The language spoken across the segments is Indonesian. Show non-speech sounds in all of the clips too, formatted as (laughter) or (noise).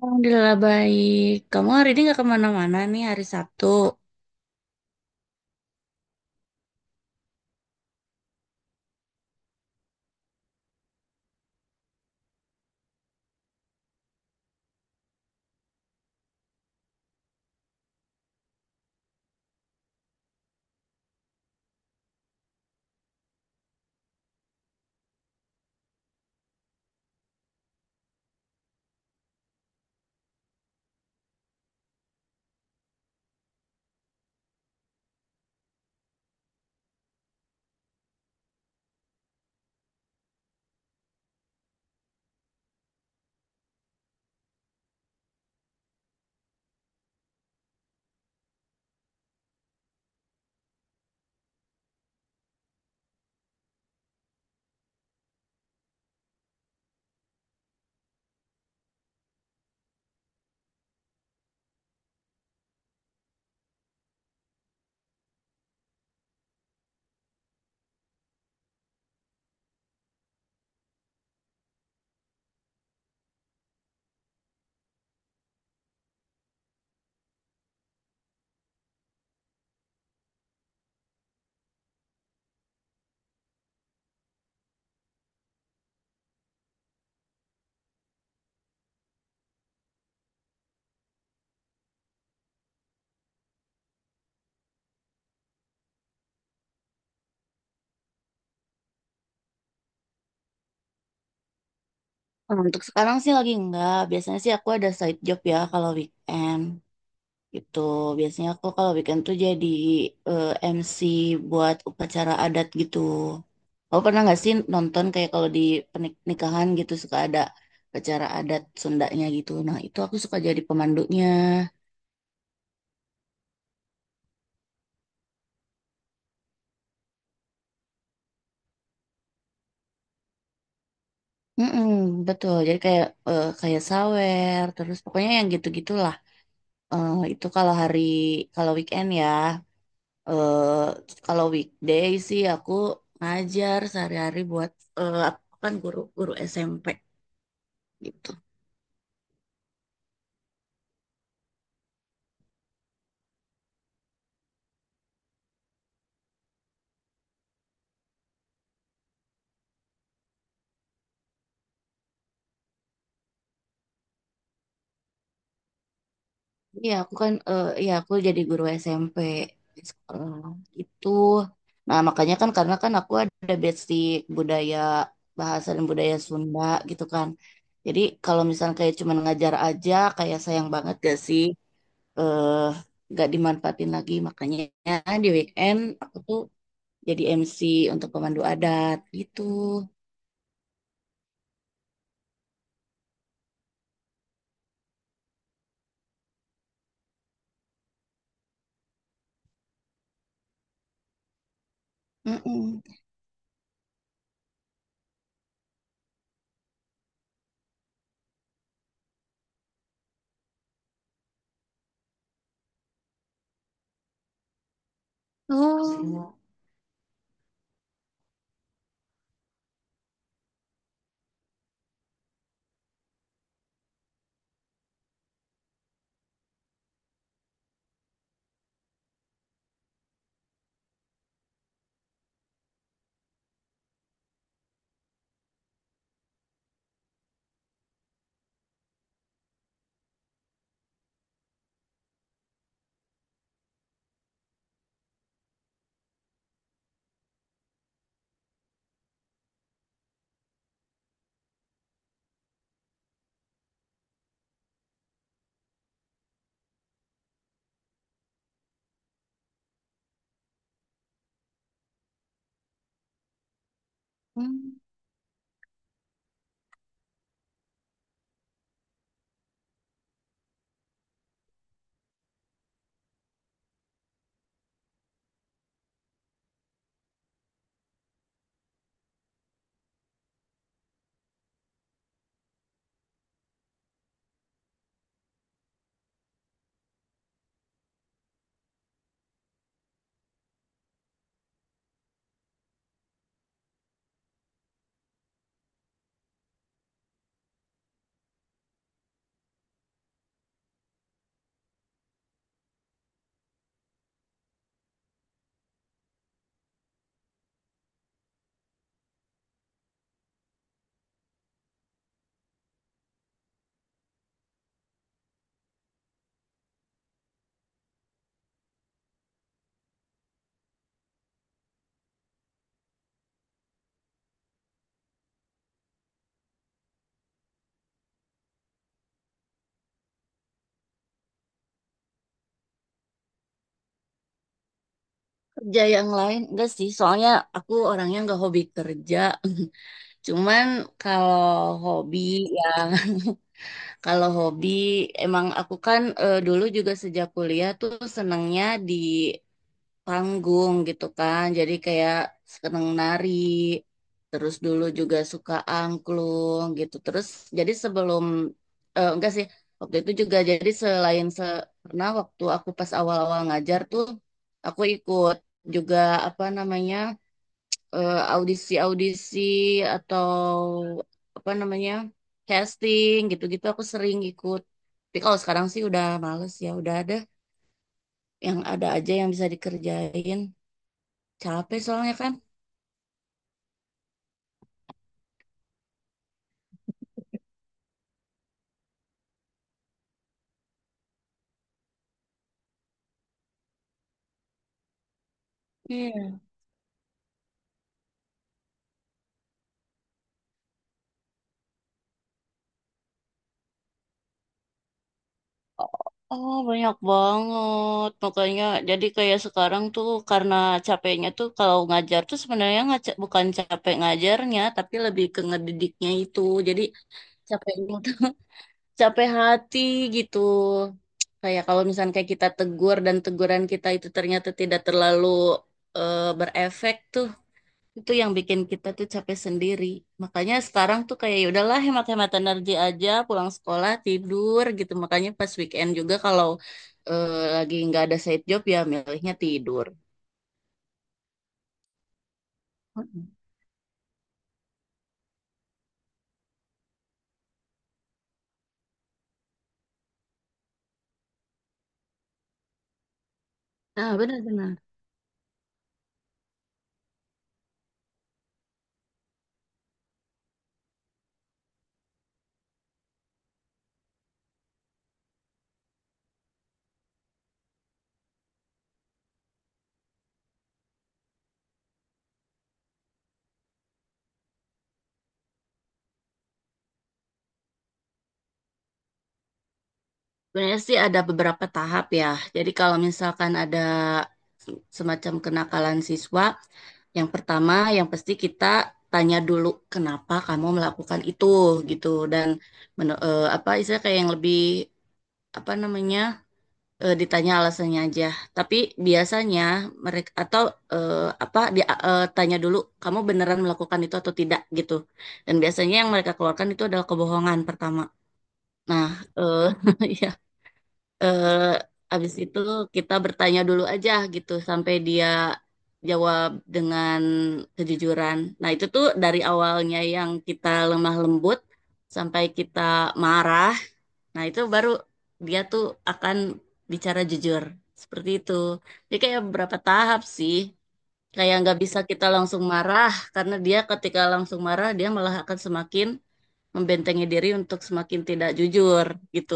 Alhamdulillah baik. Kamu hari ini nggak kemana-mana nih hari Sabtu. Oh, untuk sekarang sih lagi nggak. Biasanya sih aku ada side job ya kalau weekend gitu. Biasanya aku kalau weekend tuh jadi eh, MC buat upacara adat gitu. Kamu pernah nggak sih nonton kayak kalau di pernikahan gitu suka ada acara adat Sundanya gitu. Nah itu aku suka jadi pemandunya. Mm-mm, betul. Jadi kayak kayak sawer, terus pokoknya yang gitu-gitu. Itu kalau weekend ya. Eh kalau weekday sih aku ngajar sehari-hari buat, aku kan guru guru SMP gitu. Iya aku kan aku jadi guru SMP di sekolah itu. Nah makanya kan karena kan aku ada basic budaya, bahasa dan budaya Sunda gitu kan. Jadi kalau misalnya kayak cuman ngajar aja kayak sayang banget gak sih, eh gak dimanfaatin lagi, makanya di weekend aku tuh jadi MC untuk pemandu adat gitu. Mm-mm. Oh, mm, kerja yang lain enggak sih? Soalnya aku orangnya enggak hobi kerja. (laughs) Cuman kalau hobi ya, (laughs) kalau hobi emang aku kan, dulu juga sejak kuliah tuh senangnya di panggung gitu kan. Jadi kayak seneng nari, terus dulu juga suka angklung gitu. Terus jadi sebelum eh, enggak sih waktu itu juga jadi selain se karena waktu aku pas awal-awal ngajar tuh aku ikut juga apa namanya, audisi-audisi atau apa namanya, casting gitu-gitu aku sering ikut. Tapi kalau sekarang sih udah males ya, udah ada yang ada aja yang bisa dikerjain. Capek soalnya kan. Iya. Oh, banyak banget. Makanya jadi kayak sekarang tuh karena capeknya tuh kalau ngajar tuh sebenarnya bukan capek ngajarnya, tapi lebih ke ngedidiknya itu. Jadi capeknya (laughs) tuh capek hati gitu. Kayak kalau misalnya kayak kita tegur dan teguran kita itu ternyata tidak terlalu, berefek tuh, itu yang bikin kita tuh capek sendiri. Makanya sekarang tuh kayak ya udahlah hemat-hemat energi aja, pulang sekolah tidur gitu. Makanya pas weekend juga kalau lagi nggak ada side job ya milihnya tidur. Mm-mm. Nah, benar-benar. Sebenarnya sih ada beberapa tahap ya. Jadi kalau misalkan ada semacam kenakalan siswa, yang pertama yang pasti kita tanya dulu kenapa kamu melakukan itu gitu, dan apa istilah kayak yang lebih apa namanya, ditanya alasannya aja. Tapi biasanya mereka atau eh, tanya dulu kamu beneran melakukan itu atau tidak gitu. Dan biasanya yang mereka keluarkan itu adalah kebohongan pertama. Nah, eh (laughs) ya, eh habis itu kita bertanya dulu aja gitu sampai dia jawab dengan kejujuran. Nah, itu tuh dari awalnya yang kita lemah lembut sampai kita marah. Nah, itu baru dia tuh akan bicara jujur. Seperti itu. Jadi kayak beberapa tahap sih. Kayak nggak bisa kita langsung marah, karena dia ketika langsung marah, dia malah akan semakin membentengi diri untuk semakin tidak jujur, gitu.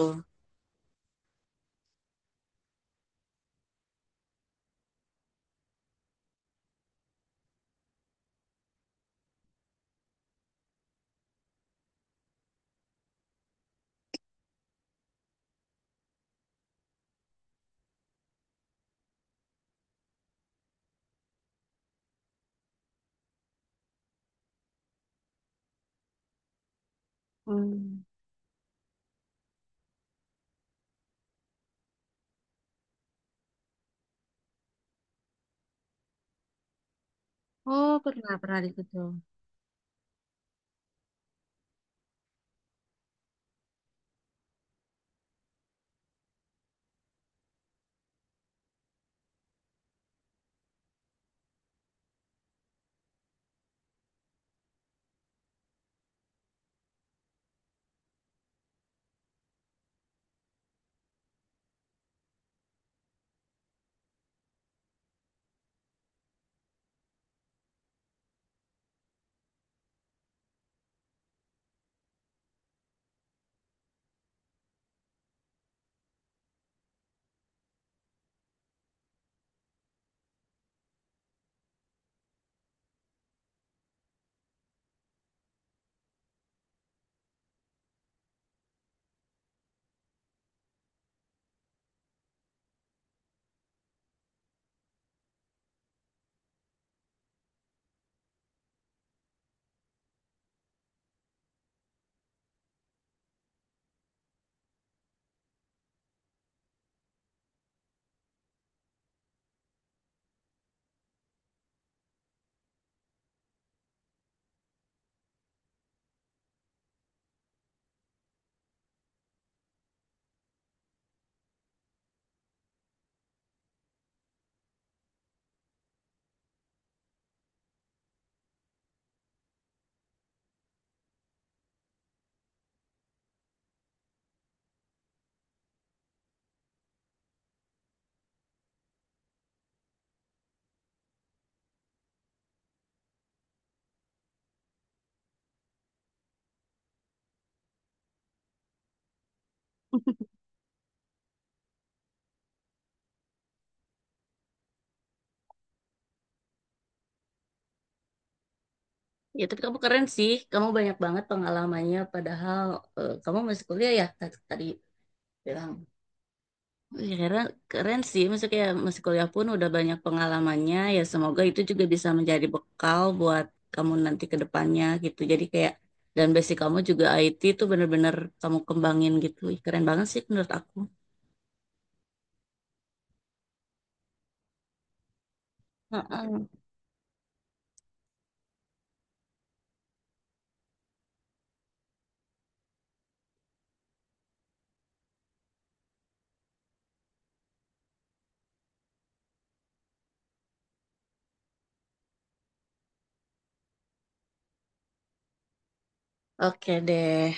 Ya, tapi kamu keren sih. Kamu banyak banget pengalamannya, padahal kamu masih kuliah ya, tadi bilang. Wih, keren, keren sih, maksudnya kayak masih kuliah pun udah banyak pengalamannya, ya semoga itu juga bisa menjadi bekal buat kamu nanti ke depannya gitu. Jadi kayak, dan basic kamu juga IT itu bener-bener kamu kembangin gitu. Ih, keren banget sih menurut aku. Heeh. Oke deh.